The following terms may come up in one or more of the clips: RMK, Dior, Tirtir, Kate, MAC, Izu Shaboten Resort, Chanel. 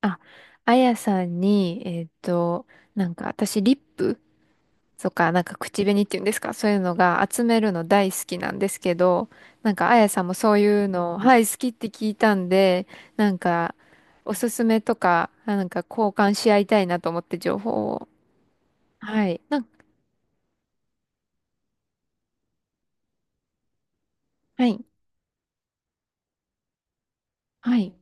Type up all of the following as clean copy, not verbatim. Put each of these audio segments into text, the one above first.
あ、あやさんに、なんか私、リップとか、なんか口紅っていうんですか？そういうのが集めるの大好きなんですけど、なんかあやさんもそういうの、はい、好きって聞いたんで、なんか、おすすめとか、あなんか交換し合いたいなと思って情報を。はい。なんか、はい、はい、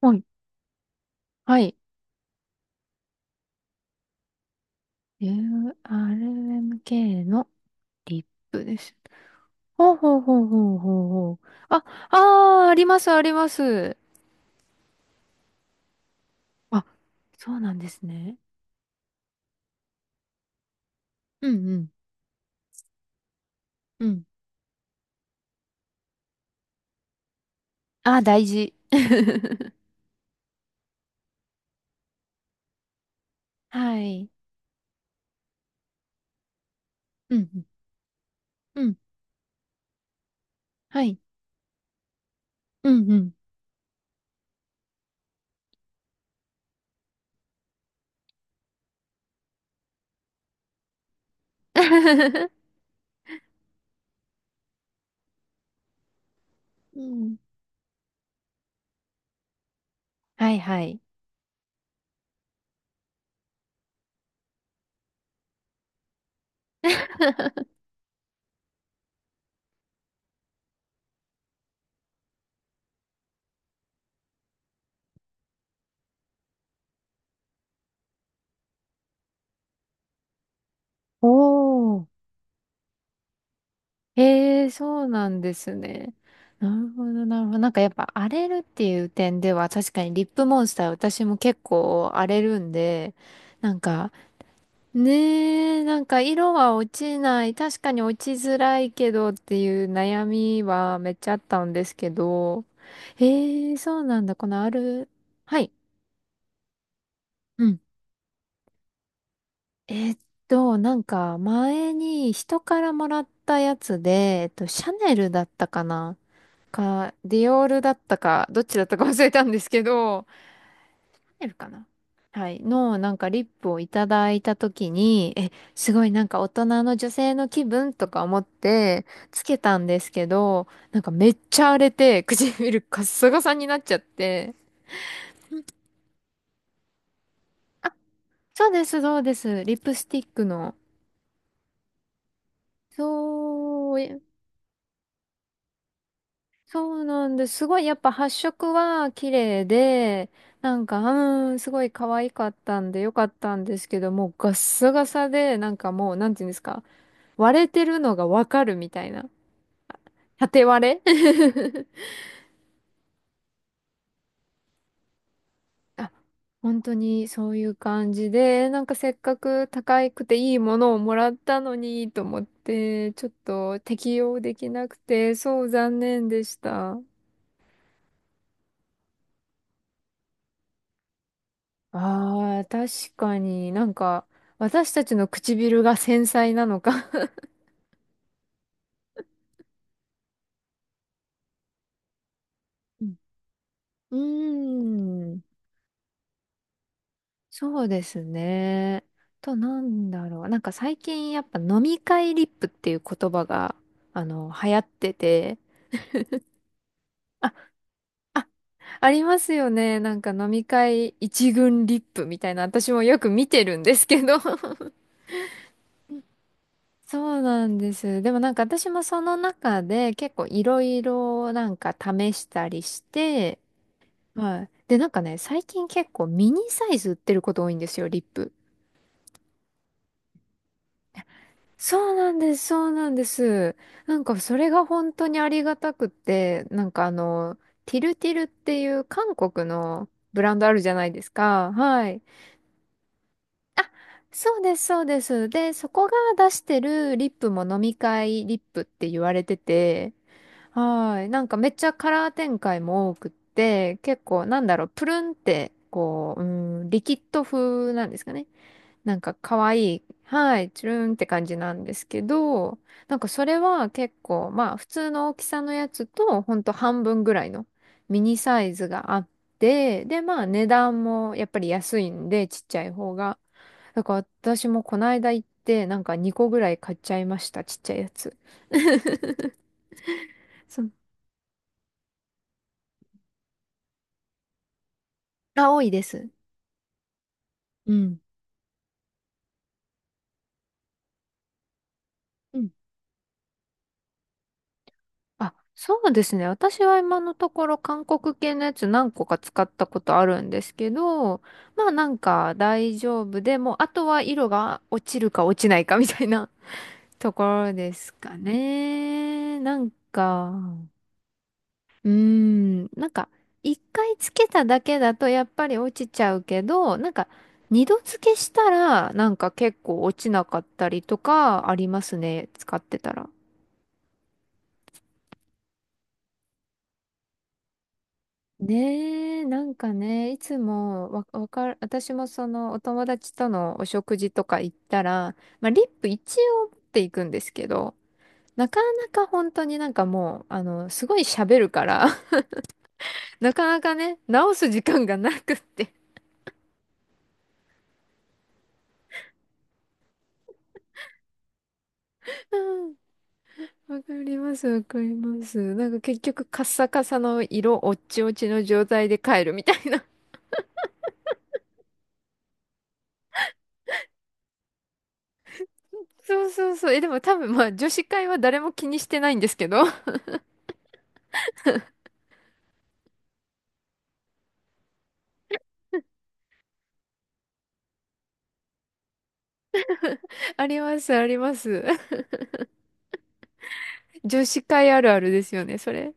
はい、はい。RMK のリップです。ほうほうほうほうほうほう。あ、ああ、あります、あります。あ、そうなんですね。うんうん。うん。あ、大事。はい。うんうん。うん。はい。うんうん。うん。はいはい。おー。へえ、そうなんですね。なるほど、なるほど。なんかやっぱ荒れるっていう点では確かにリップモンスター私も結構荒れるんで、なんかねえ、なんか色は落ちない。確かに落ちづらいけどっていう悩みはめっちゃあったんですけど。ええ、そうなんだ。このある。はい。うん。えーっなんか前に人からもらったやつで、シャネルだったかなか、ディオールだったか、どっちだったか忘れたんですけど、出るかな。はい。の、なんかリップをいただいたときに、え、すごいなんか大人の女性の気分とか思ってつけたんですけど、なんかめっちゃ荒れて唇カッサカサになっちゃって。あ、そうです、そうです。リップスティックの。そう、そうなんです。すごいやっぱ発色は綺麗で、なんか、すごい可愛かったんでよかったんですけど、もうガッサガサで、なんかもう、なんていうんですか、割れてるのがわかるみたいな。縦割れ。 あ、本当にそういう感じで、なんかせっかく高くていいものをもらったのにと思って、ちょっと適用できなくて、そう残念でした。ああ、確かになんか、私たちの唇が繊細なのか。うん。うーんそうですね。と、なんだろう。なんか最近やっぱ飲み会リップっていう言葉が、流行ってて。あ、あ、ありますよね。なんか飲み会一軍リップみたいな、私もよく見てるんですけど。そうなんです。でもなんか私もその中で結構いろいろなんか試したりして、はい。で、なんかね、最近結構ミニサイズ売ってること多いんですよ、リップ。そうなんです、そうなんです。なんかそれが本当にありがたくって、なんかティルティルっていう韓国のブランドあるじゃないですか。はい。あ、そうです、そうです。で、そこが出してるリップも飲み会リップって言われてて、はい。なんかめっちゃカラー展開も多くって、結構なんだろう、プルンって、こう、リキッド風なんですかね。なんか可愛い、はい、チュルンって感じなんですけど、なんかそれは結構、まあ普通の大きさのやつと、ほんと半分ぐらいのミニサイズがあって、で、まあ値段もやっぱり安いんで、ちっちゃい方が。だから私もこの間行って、なんか2個ぐらい買っちゃいました、ちっちゃいやつ。そう。あ、多いです。うん。あ、そうですね。私は今のところ韓国系のやつ何個か使ったことあるんですけど、まあなんか大丈夫でも、あとは色が落ちるか落ちないかみたいな。 ところですかね。なんか、なんか一回つけただけだとやっぱり落ちちゃうけど、なんか二度付けしたらなんか結構落ちなかったりとかありますね。使ってたら。ねえ、なんかね、いつもわかる、私もそのお友達とのお食事とか行ったら、まあ、リップ一応持っていくんですけど、なかなか本当になんかもう、すごい喋るから、なかなかね、直す時間がなくって。うん、わかります、わかります。なんか結局カッサカサの色、おっちおちの状態で帰るみたいな。そうそうそう。え、でも多分まあ女子会は誰も気にしてないんですけど。あります、あります。女子会あるあるですよね、それ。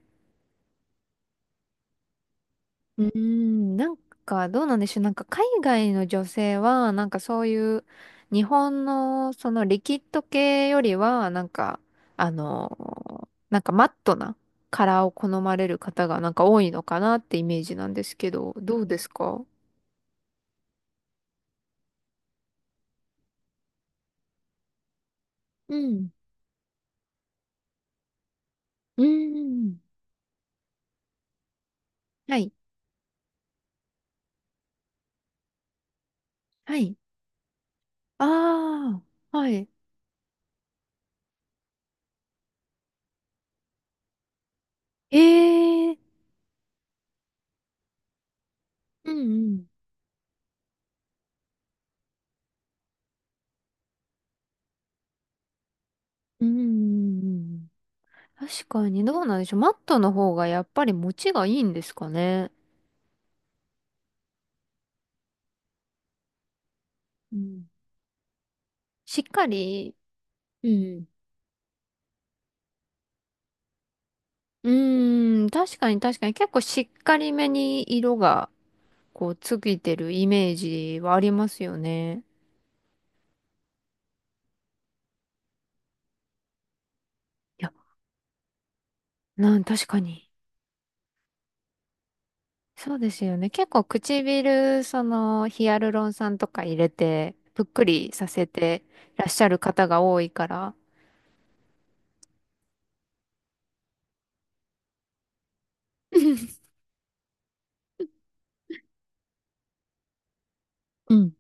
うーん、なんかどうなんでしょう。なんか海外の女性は、なんかそういう日本のそのリキッド系よりは、なんか、あのなんかマットなカラーを好まれる方がなんか多いのかなってイメージなんですけど、どうですか？うん。うん。はい、はい。ああ、はい。ええー、うんうん。うんうんうんうん。確かにどうなんでしょう。マットの方がやっぱり持ちがいいんですかね。うん。しっかり、うん。うーん、確かに確かに結構しっかりめに色がこうついてるイメージはありますよね。いや、確かに。そうですよね。結構唇、そのヒアルロン酸とか入れて、ぷっくりさせてらっしゃる方が多いから。うん。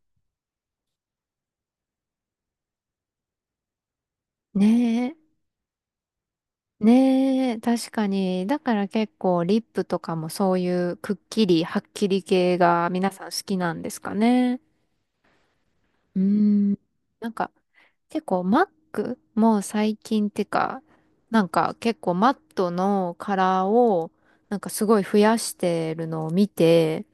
ねえ。ねえ、確かに。だから結構リップとかもそういうくっきり、はっきり系が皆さん好きなんですかね。うーん。なんか結構マックも最近ってか、なんか結構マットのカラーをなんかすごい増やしてるのを見て、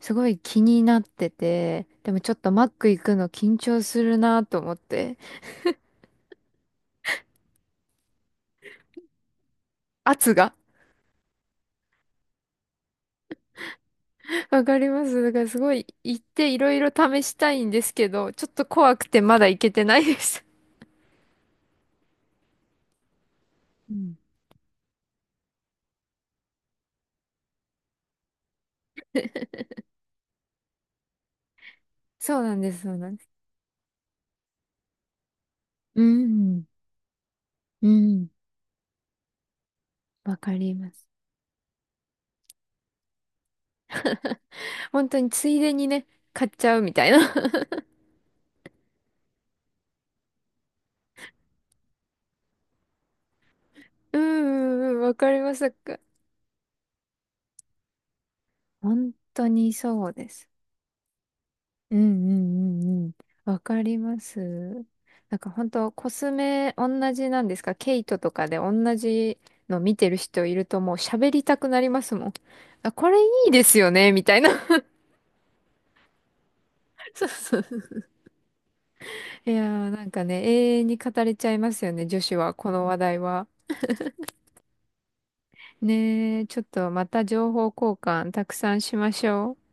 すごい気になってて、でもちょっとマック行くの緊張するなと思って、圧が。わかります。だからすごい行っていろいろ試したいんですけど、ちょっと怖くてまだ行けてないです。うん。そうなんです、そうなんです。うん。うん。わかります。本当についでにね、買っちゃうみたいな。うんうんうん、わかります。本当にそうです。うんうんうんうん。わかります。なんか本当コスメ同じなんですか？ケイトとかで同じの見てる人いるともう喋りたくなりますもん。あ、これいいですよねみたいな。そうそう。いやーなんかね、永遠に語れちゃいますよね、女子は、この話題は。ねえ、ちょっとまた情報交換たくさんしましょう。